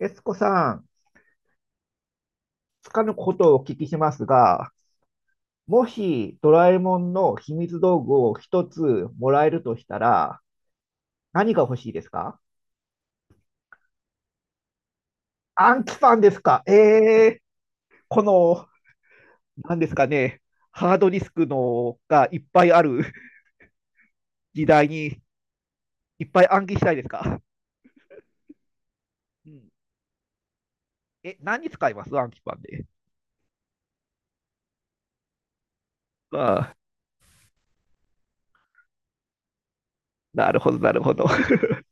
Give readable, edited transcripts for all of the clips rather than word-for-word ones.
エスコさん、つかぬことをお聞きしますが、もしドラえもんの秘密道具を一つもらえるとしたら、何が欲しいですか？暗記パンですか？ええー、この、何ですかね、ハードディスクのがいっぱいある時代にいっぱい暗記したいですか？うん、え、何に使います暗記パンで。ああ、なるほど、なるほど。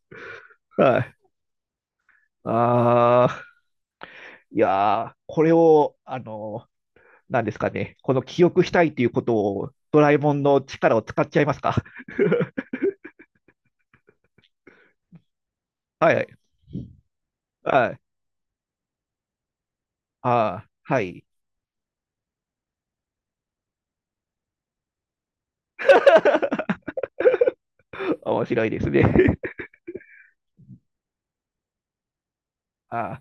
はい。ああ、いやー、これを、なんですかね、この記憶したいということを、ドラえもんの力を使っちゃいますか。はい、はい、あはい。面白いですね。あ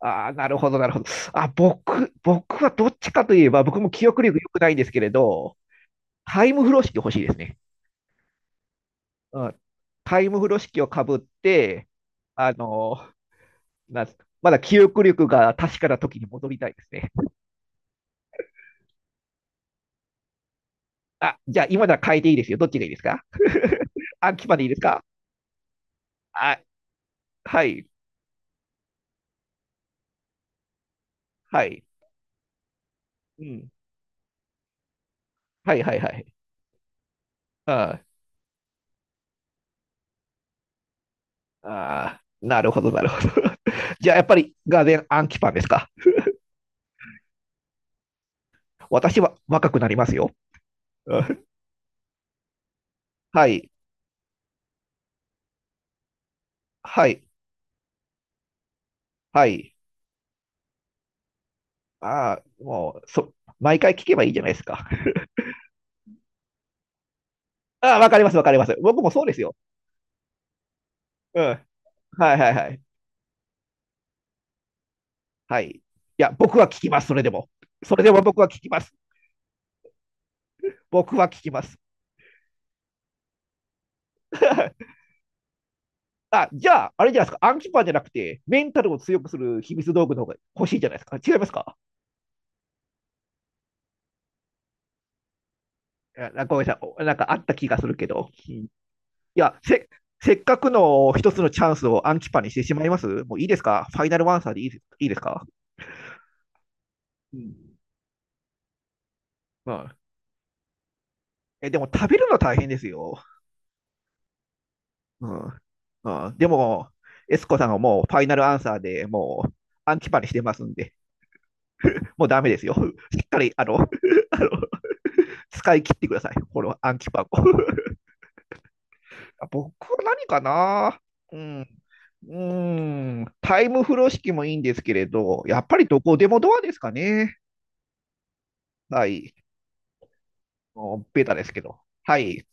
あなるほど、なるほど。あ、僕はどっちかといえば、僕も記憶力良くないんですけれど、タイム風呂敷欲しいですね。うん、タイム風呂敷をかぶって、あのなんすか、まだ記憶力が確かな時に戻りたいですね。あ、じゃあ今なら変えていいですよ。どっちがいいですか？ あ、決までいいですか？あ、はい。はい。うん。はいはいはい。ああ、ああなるほどなるほど。じゃあやっぱりガーデンアンキパンですか。私は若くなりますよ。うんはい。はい。はい。ああ、もう、毎回聞けばいいじゃないですか。ああ、わかりますわかります。僕もそうですよ。うん。はいはいはい。はい。いや、僕は聞きます、それでも。それでも僕は聞きます。僕は聞きます。あ、じゃあ、あれじゃないですか。アンキパンじゃなくて、メンタルを強くする秘密道具の方が欲しいじゃないですか。違いますか？やなごめんなさいなんかあった気がするけど、や、せせっかくの一つのチャンスをアンキパにしてしまいます？もういいですか？ファイナルワンサーでいいです、いいですか？うんうんえでも食べるの大変ですよ。うんうん、でも、エスコさんはもうファイナルアンサーでもうアンキパにしてますんで、もうダメですよ。しっかり、あの使い切ってください。このアンキパを。僕は何かな？うん。うーん、タイム風呂敷もいいんですけれど、やっぱりどこでもドアですかね。はい。もうベタですけど。はい。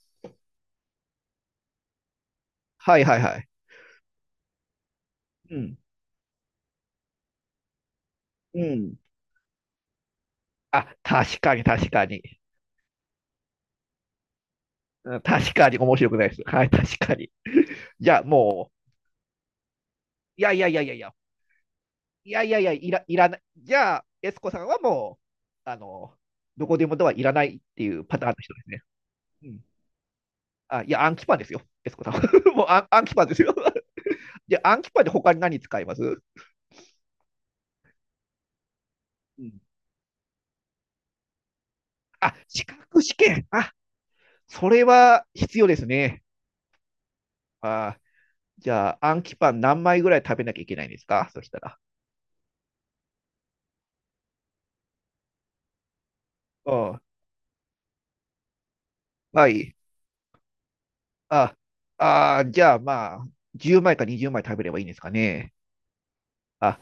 はいはいはい。うん。うん。あ、確かに確かに。うん確かに面白くないです。はい、確かに。じゃあもう、いやいやいやいやいや、いやいやいや、いらない。じゃあ、エスコさんはもう、どこでもドアいらないっていうパターンの人ですね。うん。あ、いや、暗記パンですよ、エスコさんは。もう暗記パンですよ。じゃあ、暗記パンで他に何使います？うんあ、資格試験。あ、それは必要ですね。あじゃあ、暗記パン何枚ぐらい食べなきゃいけないんですか、そしたら。うん。はい。あ、あじゃあ、まあ、10枚か20枚食べればいいんですかね。あ、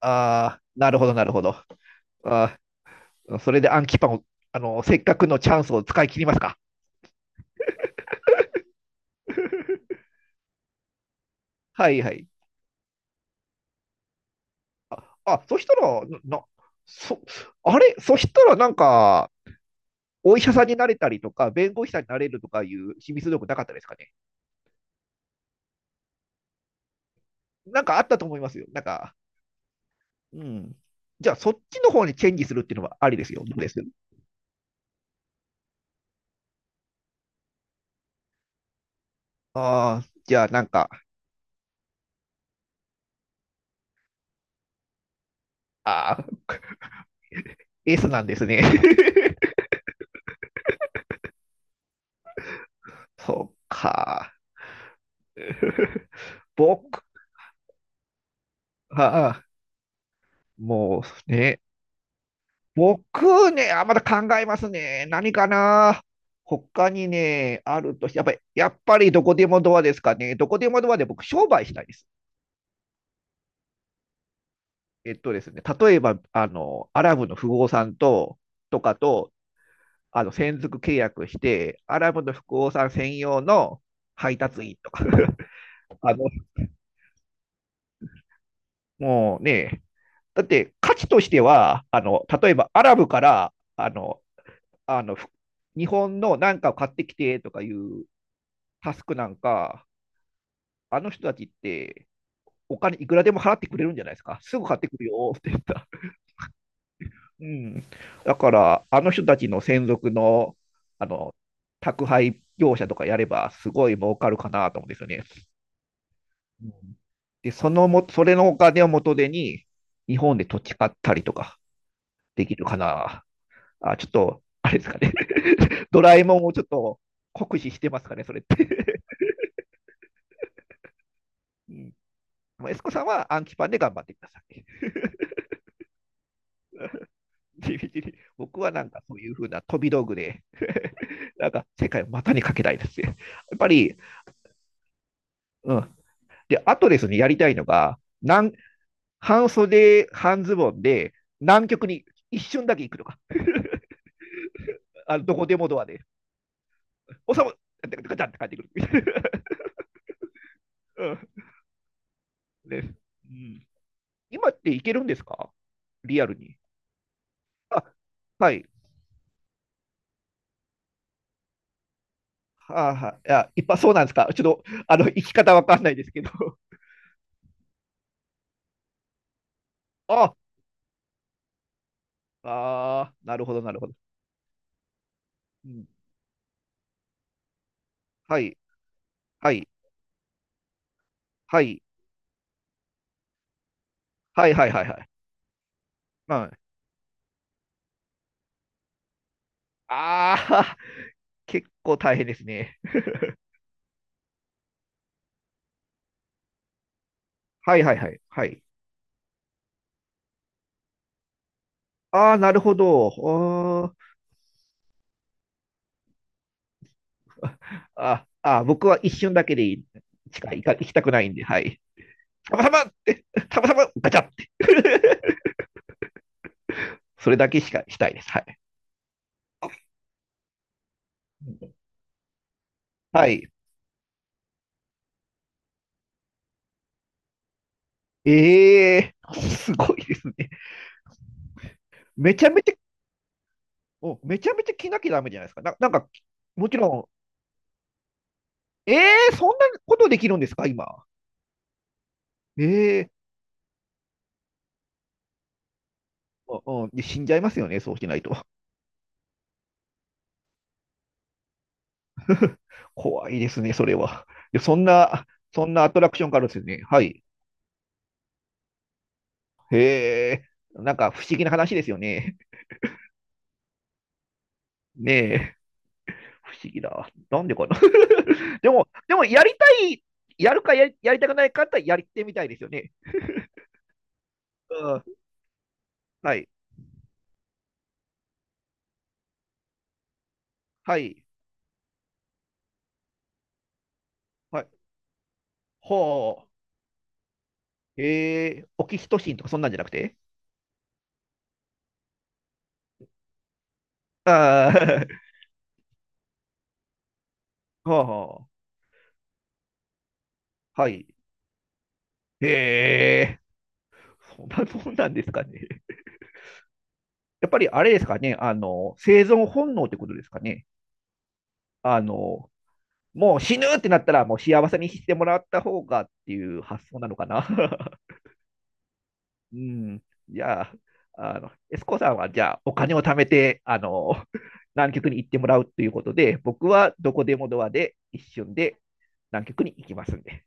あなるほど、なるほど。あそれで暗記パンを、あの、せっかくのチャンスを使い切りますか。はいはい。あ、そしたら、そ、あれ、そしたらなんか、お医者さんになれたりとか、弁護士さんになれるとかいう秘密道具なかったですかね。なんかあったと思いますよ。なんか、うん。じゃあそっちの方にチェンジするっていうのはありですよ。どうですああ、じゃあなんか、ああ、S なんですね。そうか。僕、ああ、もうね、僕ね、あ、まだ考えますね。何かな。他にね、あるとし、やっぱり、やっぱりどこでもドアですかね。どこでもドアで僕、商売したいです。えっとですね、例えば、あの、アラブの富豪さんと、とかと、あの専属契約して、アラブの富豪さん専用の配達員とか。 あの、もうね、だって価値としては、あの例えばアラブからあの日本のなんかを買ってきてとかいうタスクなんか、あの人たちってお金いくらでも払ってくれるんじゃないですか。すぐ買ってくるよって言った。うん、だから、あの人たちの専属のあの宅配業者とかやれば、すごい儲かるかなと思うんですよね。うんで、そのも、それのお金を元手に、日本で土地買ったりとかできるかな。あ、ちょっと、あれですかね。ドラえもんをちょっと酷使してますかね、それって。うんまあエスコさんは暗記パンで頑張ってください。地道に僕はなんかそういうふうな飛び道具で、なんか世界を股にかけたいですね。やっぱり、うん。で、あとですね、やりたいのが、なん半袖、半ズボンで、南極に一瞬だけ行くとか。あのどこでもドアで。おさむ、ガチャって帰ってくる。うん、です、うん。今っていけるんですか、リアルに？あ、はい。はあ、はい。いや、いっぱいそうなんですか。ちょっと、あの、生き方わかんないですけど。 あ、あなるほど、なるほど。うん、はい、はい、はい、はい、はい、はい、はい。うん、ああ、結構大変ですね。はい、はい、はい、はい。ああ、なるほど。ああ、僕は一瞬だけでいい。近い行きたくないんで、はい。たまたまって、たまたまガチャって。それだけしかしたいです。はい。はい。ええー、すごいですね。めちゃめちゃ、めちゃめちゃ着なきゃダメじゃないですか。なんか、もちろん、ええー、そんなことできるんですか、今？ええー、うん、で死んじゃいますよね、そうしないと。怖いですね、それは。でそんな、そんなアトラクションがあるんですよね。はい。へえ、なんか不思議な話ですよね。ねえ。不思議だ。なんでかな。 でも、やるかやりやりたくないかってやってみたいですよね。うん。はい。はい。はい。ほう。えー、オキシトシンとかそんなんじゃなくて？ああ、はあ、はい。えー、そんなもんなんですかね。やっぱりあれですかね、あの、生存本能ってことですかね。あの、もう死ぬってなったら、もう幸せにしてもらった方がっていう発想なのかな。うん、じゃあ、あの、エスコさんはじゃあお金を貯めて、あの、南極に行ってもらうということで、僕はどこでもドアで一瞬で南極に行きますんで。